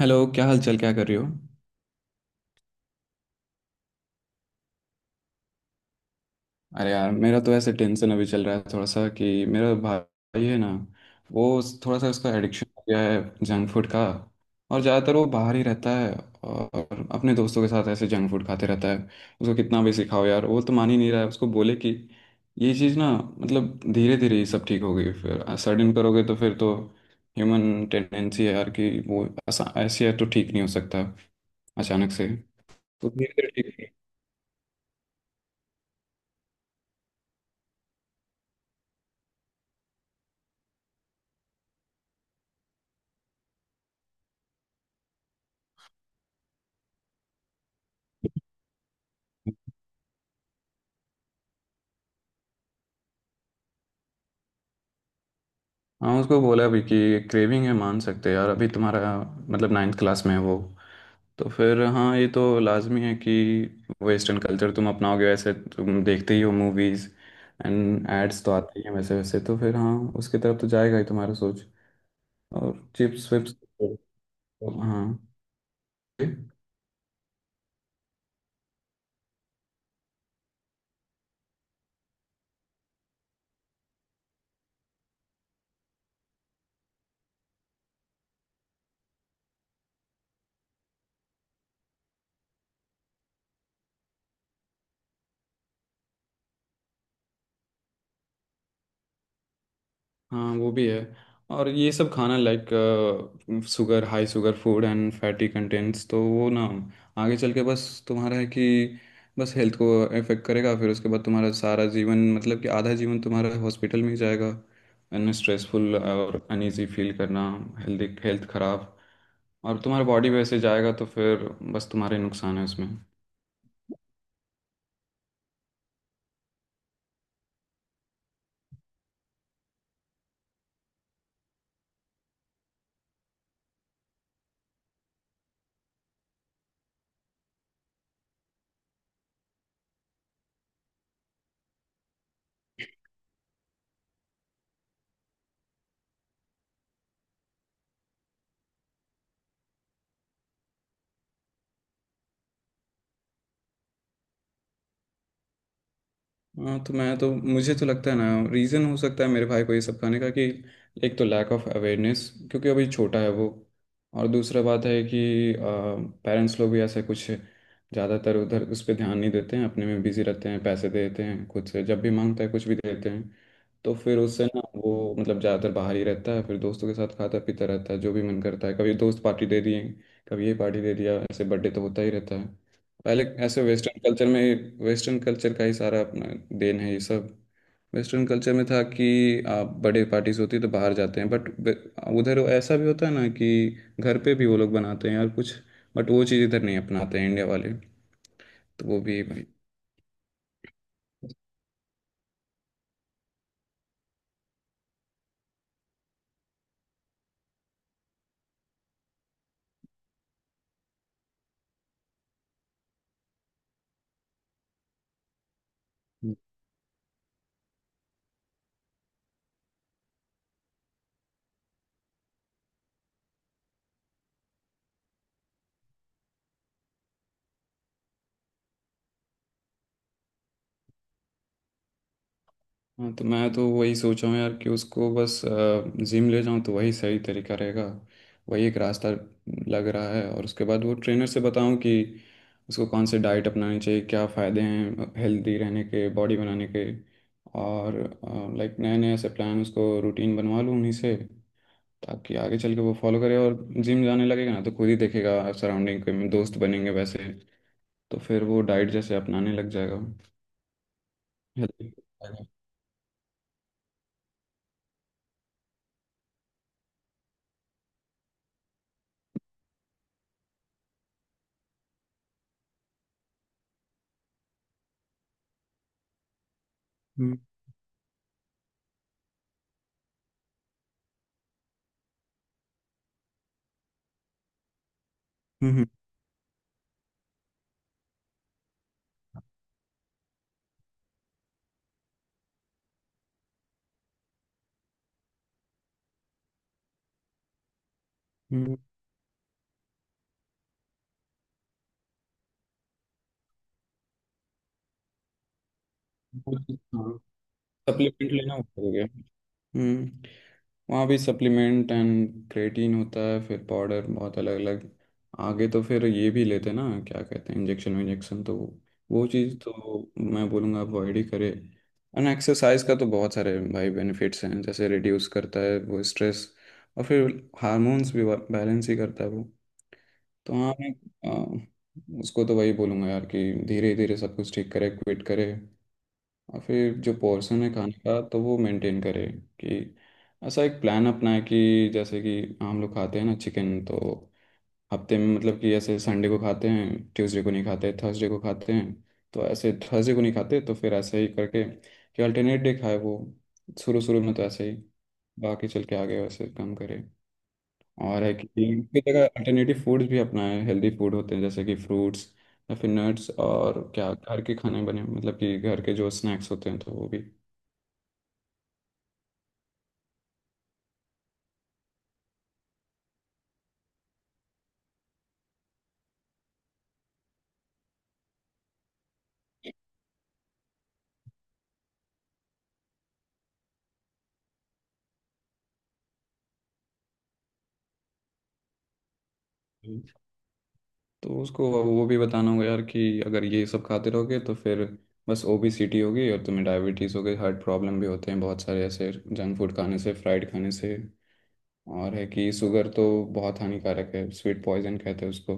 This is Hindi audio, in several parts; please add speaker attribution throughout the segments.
Speaker 1: हेलो, क्या हाल चाल? क्या कर रही हो? अरे यार, मेरा तो ऐसे टेंशन अभी चल रहा है थोड़ा सा कि मेरा भाई है ना, वो थोड़ा सा उसका एडिक्शन हो गया है जंक फूड का। और ज़्यादातर वो बाहर ही रहता है, और अपने दोस्तों के साथ ऐसे जंक फूड खाते रहता है। उसको कितना भी सिखाओ यार, वो तो मान ही नहीं रहा है। उसको बोले कि ये चीज़ ना, मतलब धीरे धीरे ही सब ठीक होगी, फिर सडन करोगे तो फिर तो ह्यूमन टेंडेंसी है यार कि वो ऐसा ऐसे है तो ठीक नहीं हो सकता अचानक से। तो धीरे धीरे। ठीक। हाँ उसको बोला भी कि क्रेविंग है मान सकते हैं यार, अभी तुम्हारा मतलब नाइन्थ क्लास में है वो, तो फिर हाँ ये तो लाजमी है कि वेस्टर्न कल्चर तुम अपनाओगे। वैसे तुम देखते ही हो मूवीज एंड एड्स तो आते ही हैं, वैसे वैसे तो फिर हाँ उसकी तरफ तो जाएगा ही तुम्हारा सोच। और चिप्स विप्स। हाँ। हाँ वो भी है। और ये सब खाना like sugar, high sugar food and fatty contents, तो वो ना आगे चल के बस तुम्हारा है कि बस हेल्थ को इफेक्ट करेगा। फिर उसके बाद तुम्हारा सारा जीवन, मतलब कि आधा जीवन तुम्हारा हॉस्पिटल में ही जाएगा। एंड स्ट्रेसफुल और अनईजी फील करना, हेल्दी हेल्थ खराब, और तुम्हारा बॉडी वैसे जाएगा, तो फिर बस तुम्हारे नुकसान है उसमें। हाँ तो मैं तो मुझे तो लगता है ना, रीज़न हो सकता है मेरे भाई को ये सब खाने का कि एक तो लैक ऑफ अवेयरनेस, क्योंकि अभी छोटा है वो। और दूसरा बात है कि पेरेंट्स लोग भी ऐसे कुछ ज़्यादातर उधर उस पर ध्यान नहीं देते हैं, अपने में बिजी रहते हैं, पैसे दे देते हैं, खुद से जब भी मांगता है कुछ भी दे देते हैं। तो फिर उससे ना वो मतलब ज़्यादातर बाहर ही रहता है, फिर दोस्तों के साथ खाता पीता रहता है जो भी मन करता है। कभी दोस्त पार्टी दे दिए, कभी ये पार्टी दे दिया, ऐसे बर्थडे तो होता ही रहता है। पहले ऐसे वेस्टर्न कल्चर में, वेस्टर्न कल्चर का ही सारा अपना देन है ये सब। वेस्टर्न कल्चर में था कि आप बर्थडे पार्टीज होती है तो बाहर जाते हैं, बट उधर ऐसा भी होता है ना कि घर पे भी वो लोग बनाते हैं और कुछ। बट वो चीज़ इधर नहीं अपनाते हैं इंडिया वाले। तो वो भी भाई। हाँ तो मैं तो वही सोचा हूँ यार कि उसको बस जिम ले जाऊँ तो वही सही तरीका रहेगा। वही एक रास्ता लग रहा है। और उसके बाद वो ट्रेनर से बताऊँ कि उसको कौन से डाइट अपनानी चाहिए, क्या फ़ायदे हैं हेल्दी रहने के, बॉडी बनाने के। और लाइक नए नए ऐसे प्लान, उसको रूटीन बनवा लूँ उन्हीं से, ताकि आगे चल के वो फॉलो करे। और जिम जाने लगेगा ना तो खुद ही देखेगा सराउंडिंग के, दोस्त बनेंगे वैसे, तो फिर वो डाइट जैसे अपनाने लग जाएगा हेल्दी। हम्म। हम्म। हम्म। सप्लीमेंट लेना होता है क्या? हम्म। वहाँ भी सप्लीमेंट एंड क्रेटीन होता है, फिर पाउडर बहुत अलग अलग। आगे तो फिर ये भी लेते ना, क्या कहते हैं, इंजेक्शन। इंजेक्शन तो वो चीज़ तो मैं बोलूँगा अवॉइड ही करे। एंड एक्सरसाइज का तो बहुत सारे भाई बेनिफिट्स हैं, जैसे रिड्यूस करता है वो स्ट्रेस, और फिर हार्मोन्स भी बैलेंस ही करता है वो। तो हाँ मैं उसको तो वही बोलूँगा यार कि धीरे धीरे सब कुछ ठीक करे, क्विट करे। और फिर जो पोर्शन है खाने का, तो वो मेंटेन करे कि ऐसा एक प्लान अपनाए, कि जैसे कि हम लोग खाते हैं ना चिकन, तो हफ्ते में मतलब कि ऐसे संडे को खाते हैं, ट्यूसडे को नहीं खाते, थर्सडे को खाते हैं। तो ऐसे थर्सडे को नहीं खाते, तो फिर ऐसे ही करके कि अल्टरनेट डे खाए वो। शुरू शुरू में तो ऐसे ही, बाकी चल के आगे वैसे काम करे। और है कि की जगह अल्टरनेटिव फूड्स भी अपनाए, हेल्दी फूड होते हैं जैसे कि फ्रूट्स या फिर नट्स। और क्या घर के खाने बने, मतलब कि घर के जो स्नैक्स होते हैं, तो वो भी। तो उसको वो भी बताना होगा यार कि अगर ये सब खाते रहोगे तो फिर बस ओबेसिटी होगी, और तुम्हें डायबिटीज़ हो गई, हार्ट प्रॉब्लम भी होते हैं बहुत सारे ऐसे जंक फूड खाने से, फ्राइड खाने से। और है कि शुगर तो बहुत हानिकारक है, स्वीट पॉइजन कहते हैं उसको।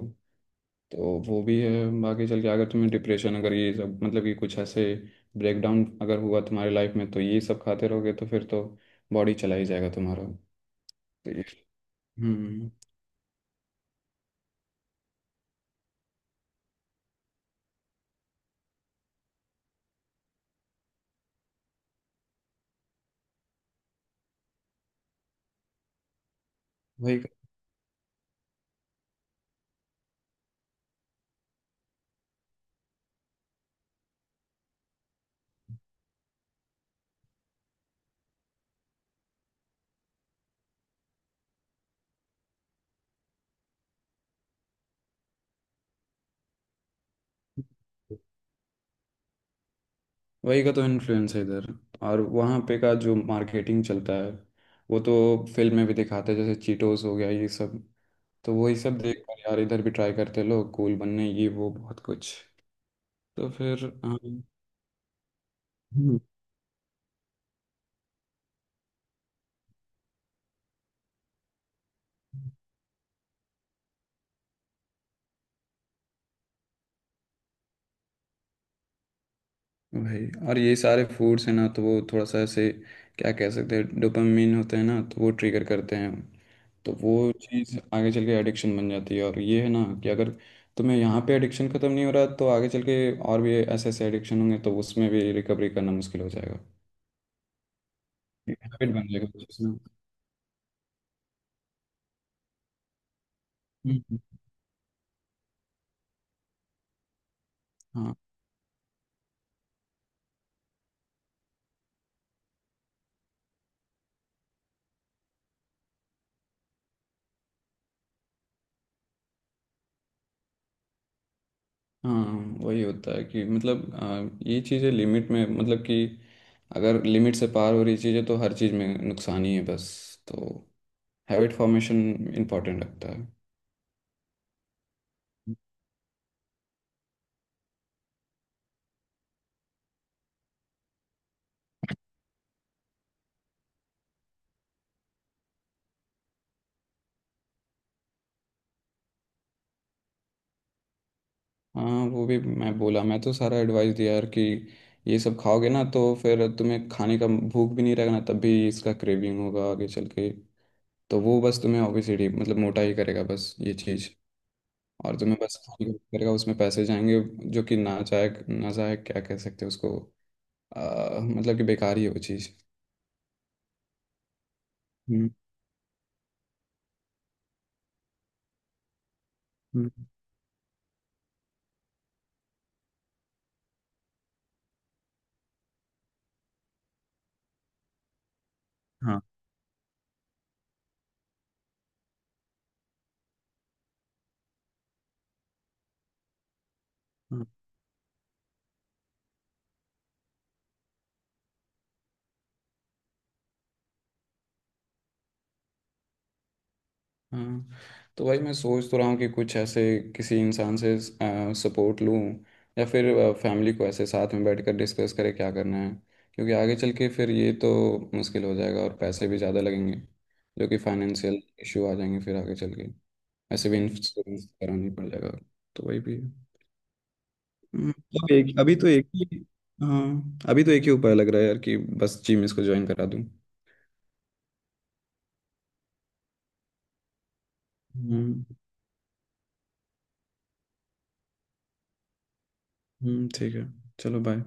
Speaker 1: तो वो भी है। बाकी चल के अगर तुम्हें डिप्रेशन, अगर ये सब मतलब कि कुछ ऐसे ब्रेकडाउन अगर हुआ तुम्हारी लाइफ में, तो ये सब खाते रहोगे तो फिर तो बॉडी चला ही जाएगा तुम्हारा। तो ये- हम्म। वही। वही का तो इन्फ्लुएंस है इधर, और वहाँ पे का जो मार्केटिंग चलता है, वो तो फिल्म में भी दिखाते हैं, जैसे चीटोस हो गया ये सब। तो वही सब देख कर यार इधर भी ट्राई करते हैं लोग कूल बनने, ये वो बहुत कुछ। तो फिर हाँ। हम्म। भाई और ये सारे फूड्स हैं ना, तो वो थोड़ा सा ऐसे क्या कह सकते हैं, डोपामिन होते हैं ना, तो वो ट्रिगर करते हैं। तो वो चीज़ आगे चल के एडिक्शन बन जाती है, और ये है ना कि अगर तुम्हें यहाँ पे एडिक्शन ख़त्म नहीं हो रहा, तो आगे चल के और भी ऐसे ऐसे एडिक्शन होंगे, तो उसमें भी रिकवरी करना मुश्किल हो जाएगा। हैबिट बन जाएगा उस चीज़ में। हम्म। हाँ। हाँ वही होता है कि मतलब ये चीज़ें लिमिट में, मतलब कि अगर लिमिट से पार हो रही चीज़ें, तो हर चीज़ में नुकसान ही है बस। तो हैबिट फॉर्मेशन इम्पोर्टेंट लगता है। हाँ वो भी मैं बोला, मैं तो सारा एडवाइस दिया यार कि ये सब खाओगे ना तो फिर तुम्हें खाने का भूख भी नहीं रहेगा ना, तब भी इसका क्रेविंग होगा आगे चल के। तो वो बस तुम्हें ओबेसिटी, मतलब मोटा ही करेगा बस, ये चीज़। और तुम्हें बस खाने का भूख करेगा, उसमें पैसे जाएंगे जो कि ना चाहे, ना चाहे क्या कह सकते हैं उसको, मतलब कि बेकार ही है वो चीज़। हम्म। हम्म। हाँ। हाँ तो भाई मैं सोच तो रहा हूँ कि कुछ ऐसे किसी इंसान से सपोर्ट लूँ, या फिर फैमिली को ऐसे साथ में बैठकर डिस्कस करें क्या करना है, क्योंकि आगे चल के फिर ये तो मुश्किल हो जाएगा, और पैसे भी ज़्यादा लगेंगे, जो कि फाइनेंशियल इशू आ जाएंगे फिर आगे चल के। ऐसे भी इंश्योरेंस करानी पड़ जाएगा। तो वही भी है। मतलब एक अभी तो एक ही। हाँ अभी तो एक ही उपाय लग रहा है यार, कि बस जिम इसको ज्वाइन करा दूँ। हम्म। ठीक है। चलो बाय।